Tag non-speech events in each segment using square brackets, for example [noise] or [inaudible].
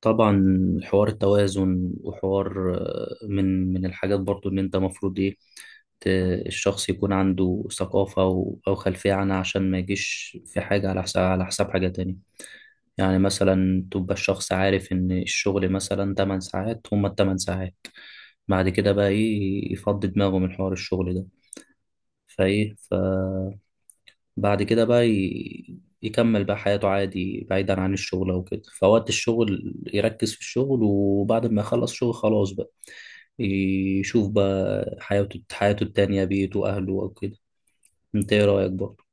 طبعا، حوار التوازن وحوار من الحاجات برضو ان انت مفروض ايه ت- الشخص يكون عنده ثقافة او خلفية عنها عشان ما يجيش في حاجة على حساب حاجة تانية. يعني مثلا تبقى الشخص عارف ان الشغل مثلا 8 ساعات، هما التمن ساعات. بعد كده بقى ايه، يفضي دماغه من حوار الشغل ده، فايه بعد كده بقى يكمل بقى حياته عادي بعيدا عن الشغل او كده. فوقت الشغل يركز في الشغل، وبعد ما يخلص شغل خلاص بقى يشوف بقى حياته التانية، بيته، أهله أو كده. أنت إيه رأيك برضه؟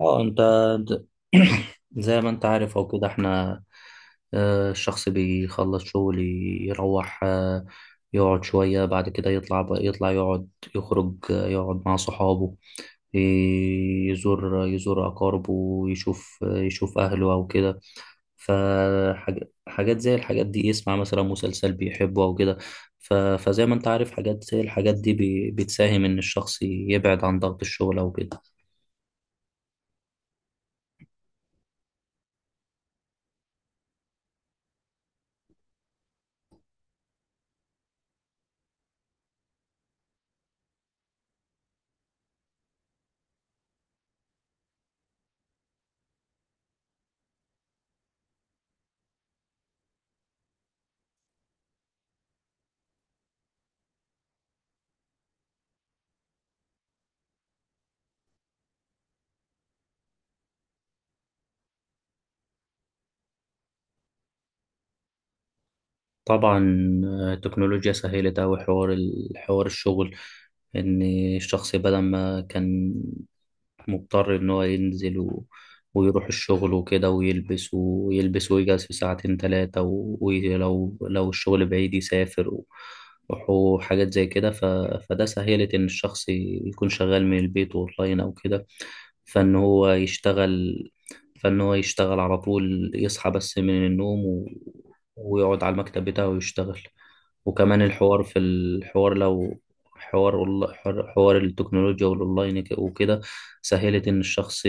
أه أنت، د- [clears throat] زي ما أنت عارف أو كده، إحنا الشخص بيخلص شغل، يروح يقعد شوية، بعد كده يطلع بقى، يطلع يقعد، يخرج، يقعد مع صحابه، يزور أقاربه، يشوف أهله أو كده. فحاجات زي الحاجات دي، يسمع مثلا مسلسل بيحبه أو كده. فزي ما أنت عارف، حاجات زي الحاجات دي بتساهم إن الشخص يبعد عن ضغط الشغل أو كده. طبعا التكنولوجيا سهلت أوي حوار حوار الشغل، إن الشخص بدل ما كان مضطر إن هو ينزل ويروح الشغل وكده، ويلبس ويجهز في ساعتين تلاتة ولو لو الشغل بعيد يسافر و... وحاجات زي كده. فده سهلت إن الشخص يكون شغال من البيت أونلاين أو كده، فإن هو يشتغل فإن هو يشتغل على طول، يصحى بس من النوم و... ويقعد على المكتب بتاعه ويشتغل. وكمان الحوار في الحوار، لو حوار حوار التكنولوجيا والأونلاين وكده، سهلت إن الشخص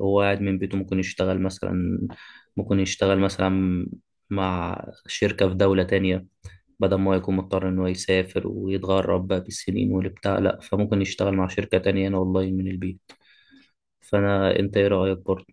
هو قاعد من بيته ممكن يشتغل مثلا، ممكن يشتغل مثلا مع شركة في دولة تانية، بدل ما يكون مضطر إنه يسافر ويتغرب بقى بالسنين والبتاع. لأ، فممكن يشتغل مع شركة تانية هنا أونلاين من البيت. فأنا، أنت إيه رأيك برضه؟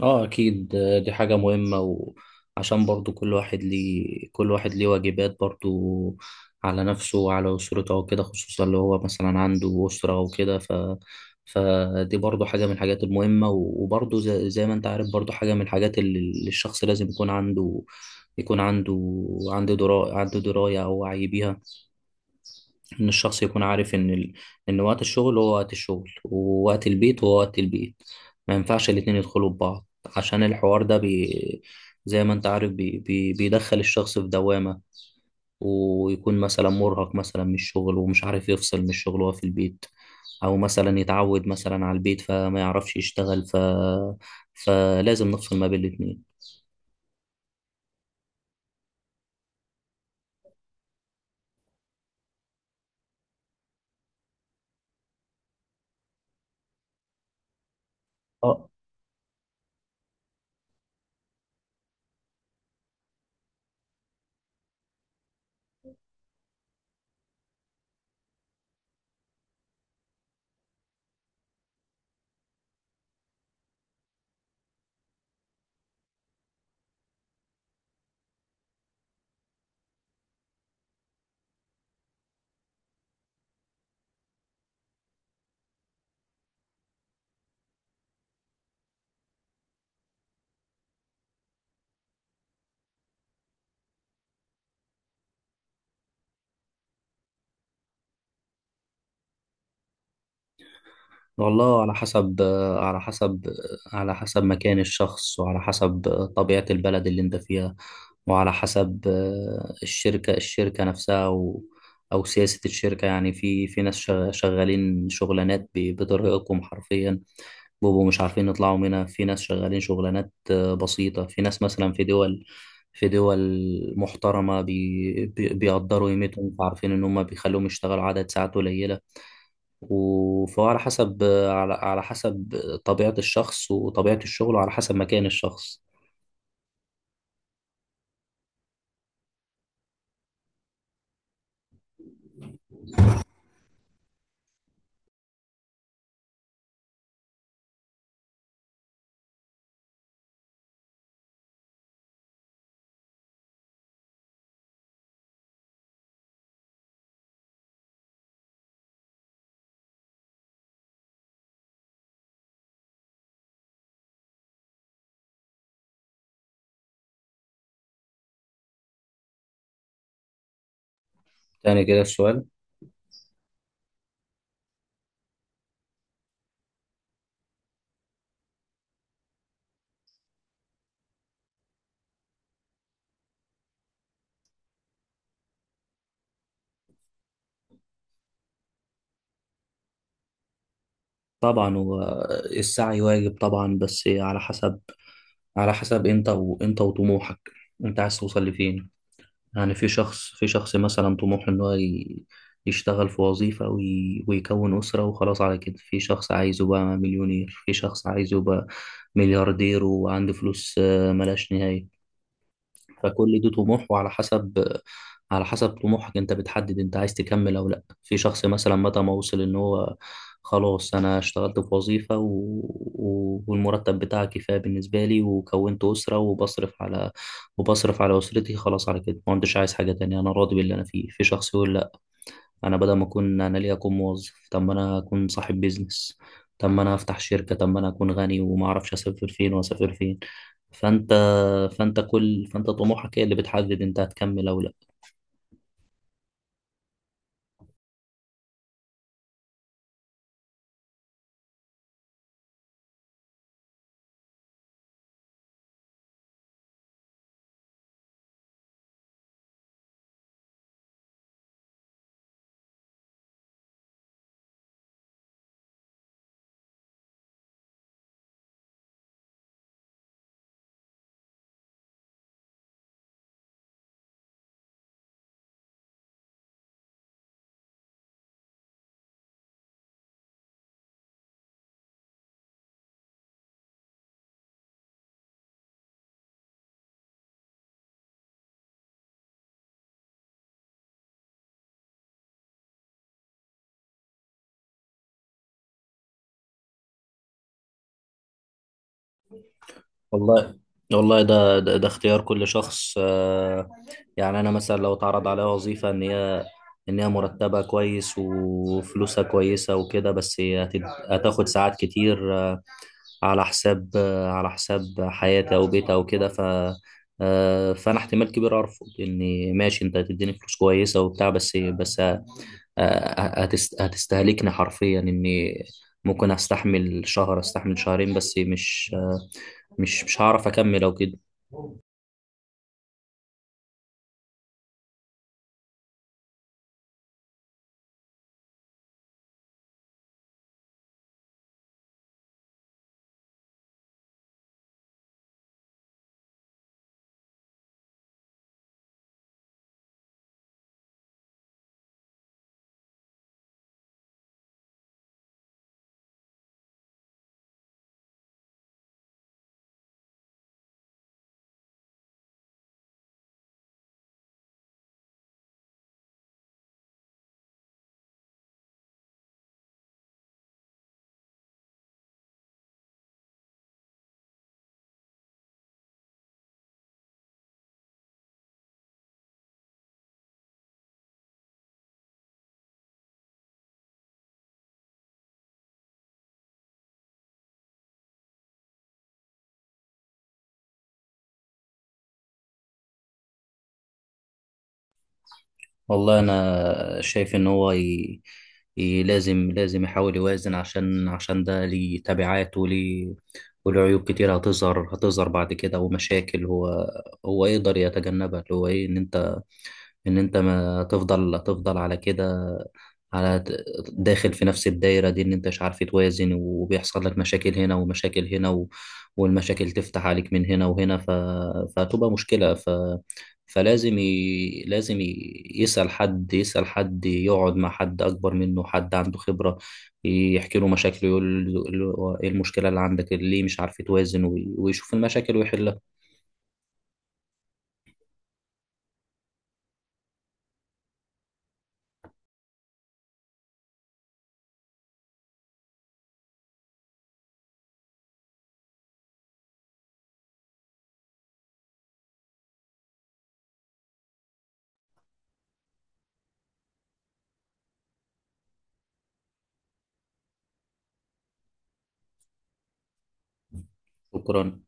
اه اكيد، دي حاجة مهمة. وعشان برضو كل واحد ليه واجبات برضو على نفسه وعلى أسرته وكده، خصوصا اللي هو مثلا عنده أسرة وكده. ف فدي برضو حاجة من الحاجات المهمة. وبرضو زي ما انت عارف، برضو حاجة من الحاجات اللي الشخص لازم يكون عنده، يكون عنده دراية، أو وعي بيها. ان الشخص يكون عارف ان ان وقت الشغل هو وقت الشغل، ووقت البيت هو وقت البيت. ما ينفعش الاتنين يدخلوا ببعض، عشان الحوار ده زي ما انت عارف بيدخل الشخص في دوامة. ويكون مثلا مرهق مثلا من الشغل، ومش عارف يفصل من الشغل وهو في البيت، او مثلا يتعود مثلا على البيت فما يعرفش يشتغل. فلازم نفصل ما بين الاتنين. والله على حسب، على حسب على حسب مكان الشخص، وعلى حسب طبيعة البلد اللي انت فيها، وعلى حسب الشركة نفسها، و أو سياسة الشركة. يعني في في ناس شغالين شغلانات بترهقهم حرفيا، بيبقوا مش عارفين يطلعوا منها. في ناس شغالين شغلانات بسيطة. في ناس مثلا في دول، في دول محترمة بيقدروا قيمتهم، فعارفين إن هم بيخلوهم يشتغلوا عدد ساعات قليلة. وفهو على حسب، على حسب طبيعة الشخص وطبيعة الشغل وعلى حسب مكان الشخص. تاني كده السؤال؟ طبعا هو السعي واجب طبعا، بس على حسب، انت، وطموحك، انت عايز توصل لفين. يعني في شخص مثلا طموحه ان هو يشتغل في وظيفة ويكون أسرة وخلاص على كده. في شخص عايزه بقى مليونير، في شخص عايزه بقى ملياردير وعنده فلوس ملهاش نهاية. فكل ده طموح، وعلى حسب، على حسب طموحك انت بتحدد انت عايز تكمل او لا. في شخص مثلا متى ما وصل ان هو خلاص انا اشتغلت في وظيفة و... والمرتب بتاعي كفاية بالنسبة لي، وكونت أسرة، وبصرف على أسرتي، خلاص على كده، ما عنديش عايز حاجة تانية، انا راضي باللي انا فيه. في شخص يقول لا، انا بدل ما اكون، انا ليه اكون موظف، طب ما انا اكون صاحب بيزنس، طب ما انا افتح شركة، طب ما انا اكون غني وما اعرفش اسافر فين واسافر فين. فانت فانت طموحك هي اللي بتحدد انت هتكمل او لا. والله، والله ده اختيار كل شخص. يعني انا مثلا لو اتعرض عليا وظيفة ان هي مرتبها كويس وفلوسها كويسة وكده، بس هي هتاخد ساعات كتير على حساب، على حساب حياتي او بيتي او كده. ف فانا احتمال كبير ارفض، اني ماشي انت هتديني فلوس كويسه وبتاع، بس هتستهلكني حرفيا، اني ممكن استحمل شهر، استحمل شهرين، بس مش مش هعرف اكمل او كده. والله انا شايف ان هو لازم يحاول يوازن، عشان ده ليه تبعات وليه وله عيوب كتير، هتظهر بعد كده، ومشاكل هو يقدر يتجنبها. اللي هو ايه، ان انت، ما تفضل على كده، على ت- داخل في نفس الدايرة دي، ان انت مش عارف توازن، وبيحصل لك مشاكل هنا ومشاكل هنا و... والمشاكل تفتح عليك من هنا وهنا. فتبقى مشكلة. فلازم يسأل حد، يقعد مع حد أكبر منه، حد عنده خبرة، يحكي له مشاكله، يقول له ايه المشكلة اللي عندك اللي ليه مش عارف توازن، ويشوف المشاكل ويحلها. شكرا.